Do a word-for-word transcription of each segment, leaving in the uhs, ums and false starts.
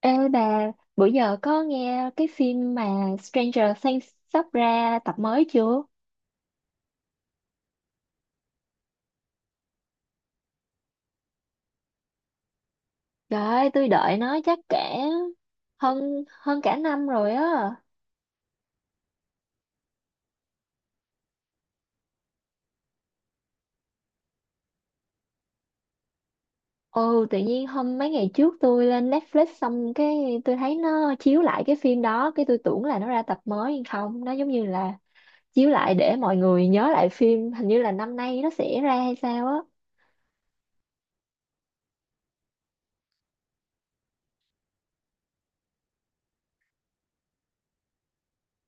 Ê bà, bữa giờ có nghe cái phim mà Stranger Things sắp ra tập mới chưa? Trời ơi, tôi đợi nó chắc cả hơn hơn cả năm rồi á. Ừ, tự nhiên hôm mấy ngày trước tôi lên Netflix xong cái tôi thấy nó chiếu lại cái phim đó, cái tôi tưởng là nó ra tập mới nhưng không, nó giống như là chiếu lại để mọi người nhớ lại phim, hình như là năm nay nó sẽ ra hay sao á.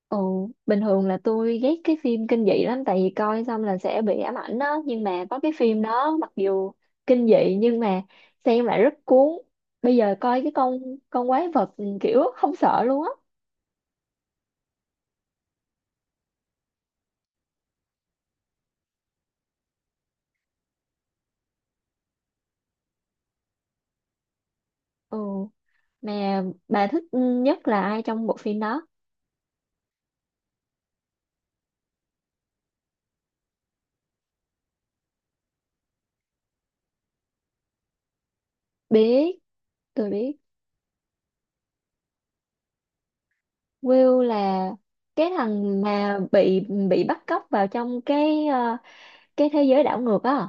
Ồ, bình thường là tôi ghét cái phim kinh dị lắm tại vì coi xong là sẽ bị ám ảnh đó, nhưng mà có cái phim đó mặc dù kinh dị nhưng mà xem lại rất cuốn. Bây giờ coi cái con con quái vật, ừ, kiểu không sợ luôn á. Ừ, mà bà thích nhất là ai trong bộ phim đó? Biết. Tôi biết. Will là cái thằng mà bị bị bắt cóc vào trong cái ờ, cái thế giới đảo ngược á.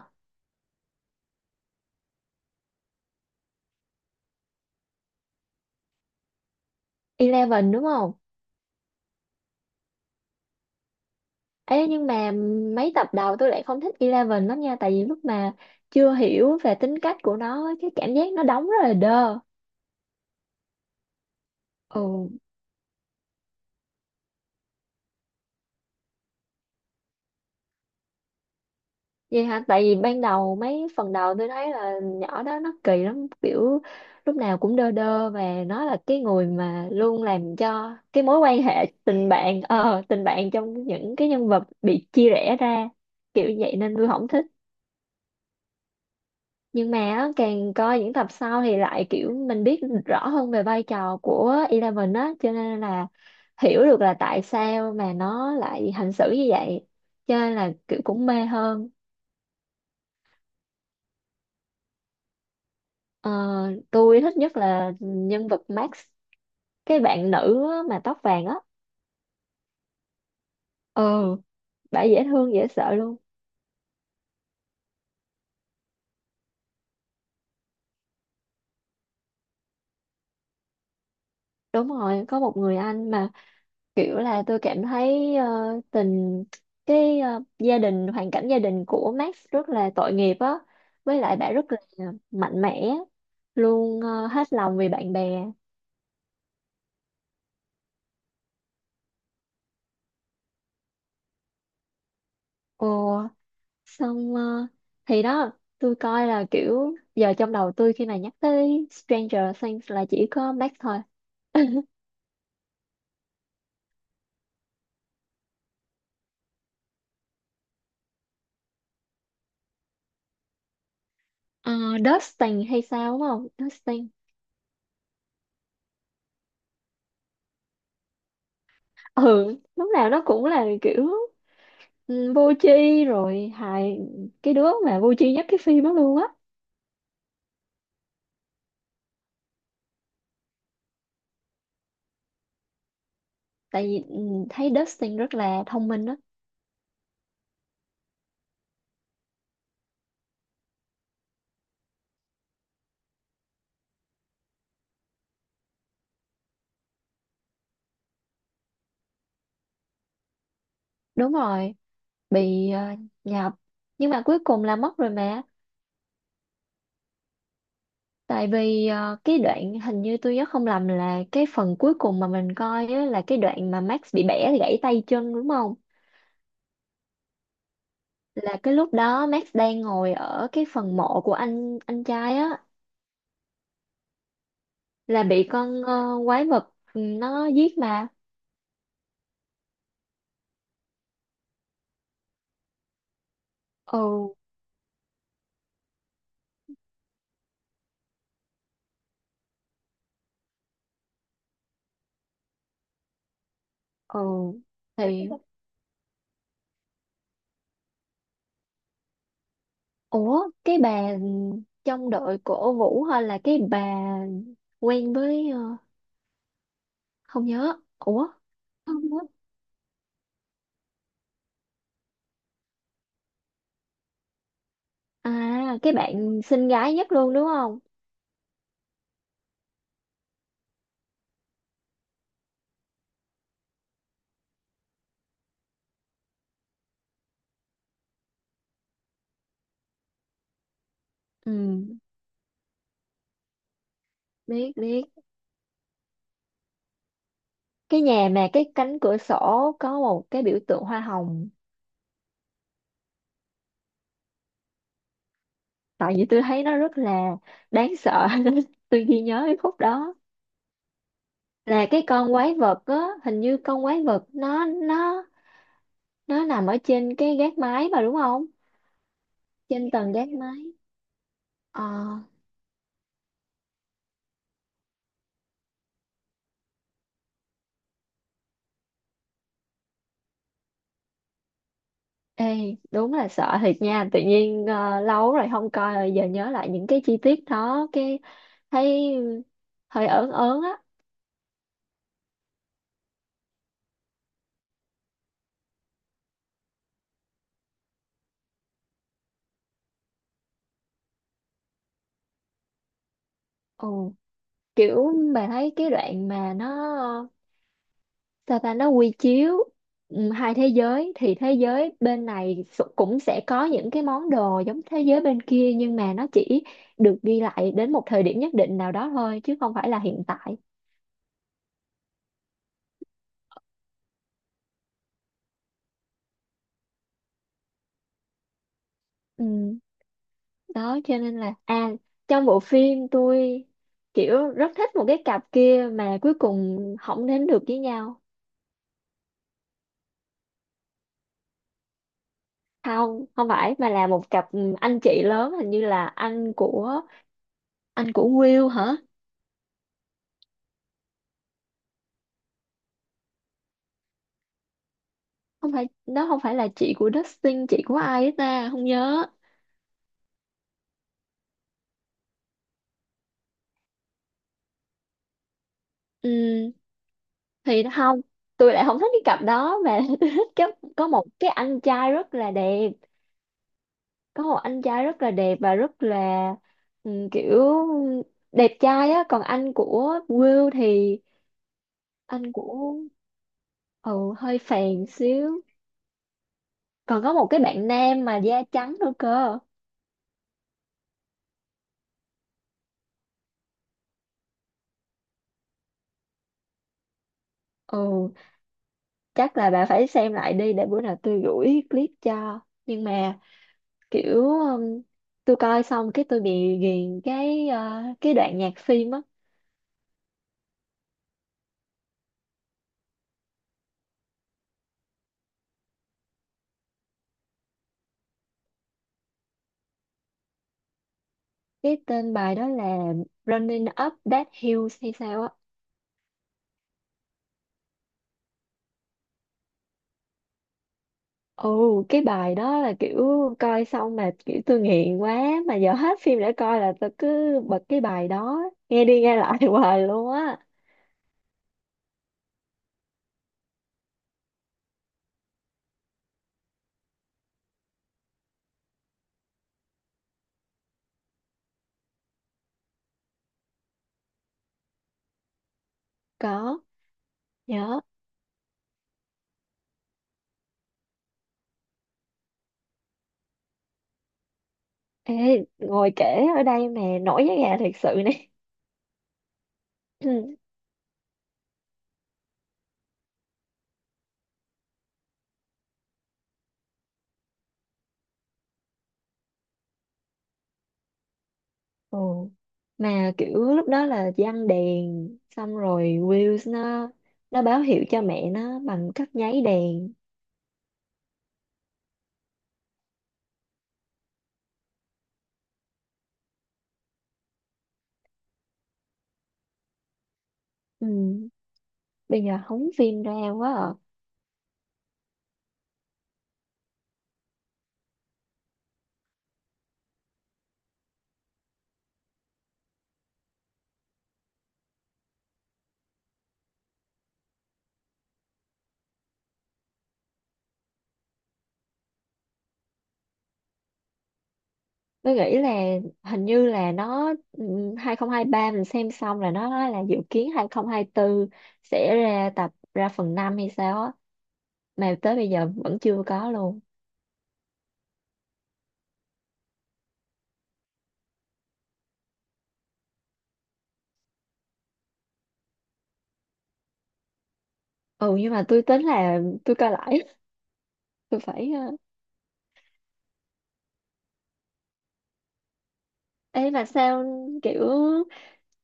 Eleven đúng không? Ê, nhưng mà mấy tập đầu tôi lại không thích Eleven lắm nha, tại vì lúc mà chưa hiểu về tính cách của nó, cái cảm giác nó đóng rất là đơ. Ừ, vậy hả? Tại vì ban đầu mấy phần đầu tôi thấy là nhỏ đó nó kỳ lắm, kiểu lúc nào cũng đơ đơ, và nó là cái người mà luôn làm cho cái mối quan hệ tình bạn, ờ tình bạn trong những cái nhân vật bị chia rẽ ra, kiểu vậy nên tôi không thích. Nhưng mà á, càng coi những tập sau thì lại kiểu mình biết rõ hơn về vai trò của Eleven á, cho nên là hiểu được là tại sao mà nó lại hành xử như vậy, cho nên là kiểu cũng mê hơn. Ờ, tôi thích nhất là nhân vật Max, cái bạn nữ á, mà tóc vàng á. Ừ, bả dễ thương dễ sợ luôn. Đúng rồi, có một người anh mà kiểu là tôi cảm thấy, ờ, tình, cái ờ, gia đình, hoàn cảnh gia đình của Max rất là tội nghiệp á. Với lại bà rất là mạnh mẽ luôn, ờ, hết lòng vì bạn bè. Ồ, xong, ờ, thì đó, tôi coi là kiểu giờ trong đầu tôi khi mà nhắc tới Stranger Things là chỉ có Max thôi. Ờ, Dustin hay sao đúng không? Dustin. Ừ, lúc nào nó cũng là kiểu ừ, vô tri rồi hài, cái đứa mà vô tri nhất cái phim đó luôn á. Tại vì ừ, thấy Dustin rất là thông minh đó. Đúng rồi, bị ờ, nhập, nhưng mà cuối cùng là mất rồi mà. Tại vì ờ, cái đoạn, hình như tôi nhớ không lầm, là cái phần cuối cùng mà mình coi á, là cái đoạn mà Max bị bẻ gãy tay chân đúng không, là cái lúc đó Max đang ngồi ở cái phần mộ của anh anh trai á, là bị con ờ, quái vật, ừ, nó giết mà. Ừ. Ừ thì. Ủa, cái bà trong đội của Vũ hay là cái bà quen với, ờ, không nhớ. Ủa, không nhớ. À, cái bạn xinh gái nhất luôn đúng không? Ừ, biết biết. Cái nhà mà cái cánh cửa sổ có một cái biểu tượng hoa hồng. Tại vì tôi thấy nó rất là đáng sợ nên tôi ghi nhớ cái khúc đó. Là cái con quái vật á, hình như con quái vật nó nó nó nằm ở trên cái gác mái mà đúng không? Trên tầng gác mái. Ờ. Ê, đúng là sợ thiệt nha, tự nhiên ờ, lâu rồi không coi rồi giờ nhớ lại những cái chi tiết đó, cái thấy hơi ớn ớn á. Ừ, kiểu mà thấy cái đoạn mà nó ờ, sao ta, nó quy chiếu ừ, hai thế giới, thì thế giới bên này s- cũng sẽ có những cái món đồ giống thế giới bên kia, nhưng mà nó chỉ được ghi lại đến một thời điểm nhất định nào đó thôi chứ không phải là hiện tại. Ừ. Đó cho nên là à, trong bộ phim tôi kiểu rất thích một cái cặp kia mà cuối cùng không đến được với nhau. Không, không phải, mà là một cặp anh chị lớn, hình như là anh của, anh của Will hả? Không phải đó, không phải là chị của Dustin, chị của ai ấy ta không nhớ. Ừ, thì không, tôi lại không thích cái cặp đó mà tôi thích cái có một cái anh trai rất là đẹp, có một anh trai rất là đẹp và rất là ừ, kiểu đẹp trai á. Còn anh của Will thì, anh của ừ, hơi phèn xíu. Còn có một cái bạn nam mà da trắng nữa cơ. Ừ, chắc là bà phải xem lại đi để bữa nào tôi gửi clip cho. Nhưng mà kiểu um, tôi coi xong cái tôi bị ghiền cái ờ, cái đoạn nhạc phim á. Cái tên bài đó là Running Up That Hill hay sao á. Ồ, cái bài đó là kiểu coi xong mà kiểu tôi nghiện quá, mà giờ hết phim để coi là tôi cứ bật cái bài đó nghe đi nghe lại hoài luôn á. Có nhớ. Ê, ngồi kể ở đây mà nổi da gà thiệt sự này. Ồ mà kiểu lúc đó là giăng đèn, xong rồi Wills nó nó báo hiệu cho mẹ nó bằng cách nháy đèn. Ừ. Bây giờ hóng phim ra quá à. Tôi nghĩ là hình như là nó ừ, hai không hai ba mình xem xong là nó nói là dự kiến hai không hai tư sẽ ra tập, ra phần năm hay sao á, mà tới bây giờ vẫn chưa có luôn. Ừ, nhưng mà tôi tính là tôi coi lại. Tôi phải ờ, Ê mà sao, kiểu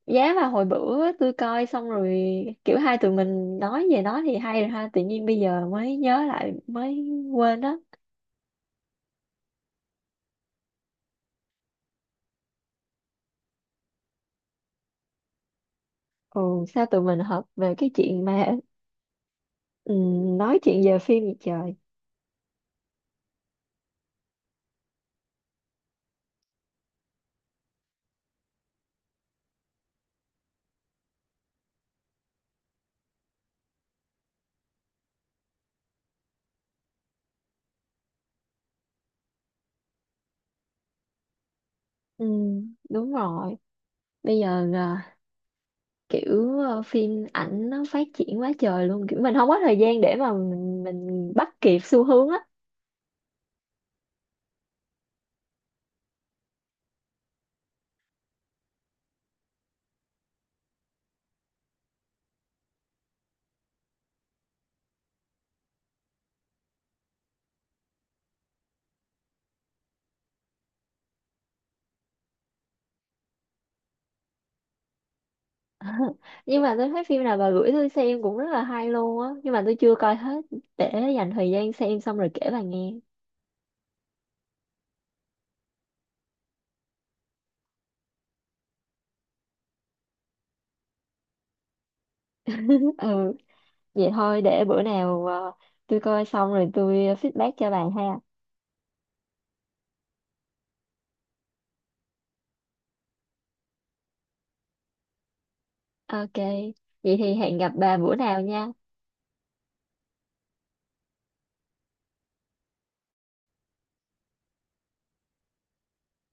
giá mà hồi bữa tôi coi xong rồi kiểu hai tụi mình nói về nó thì hay rồi ha, tự nhiên bây giờ mới nhớ lại mới quên đó. Ừ, sao tụi mình hợp về cái chuyện mà ừ, nói chuyện về phim vậy trời. Ừ, đúng rồi. Bây giờ à, kiểu à, phim ảnh nó phát triển quá trời luôn, kiểu mình không có thời gian để mà mình mình bắt kịp xu hướng á. Nhưng mà tôi thấy phim nào bà gửi tôi xem cũng rất là hay luôn á, nhưng mà tôi chưa coi hết, để dành thời gian xem xong rồi kể bà nghe. Ừ, vậy thôi để bữa nào à, tôi coi xong rồi tôi feedback cho bà ha. Ok, vậy thì hẹn gặp bà bữa nào nha.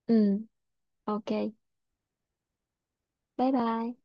Ừ, ok. Bye bye.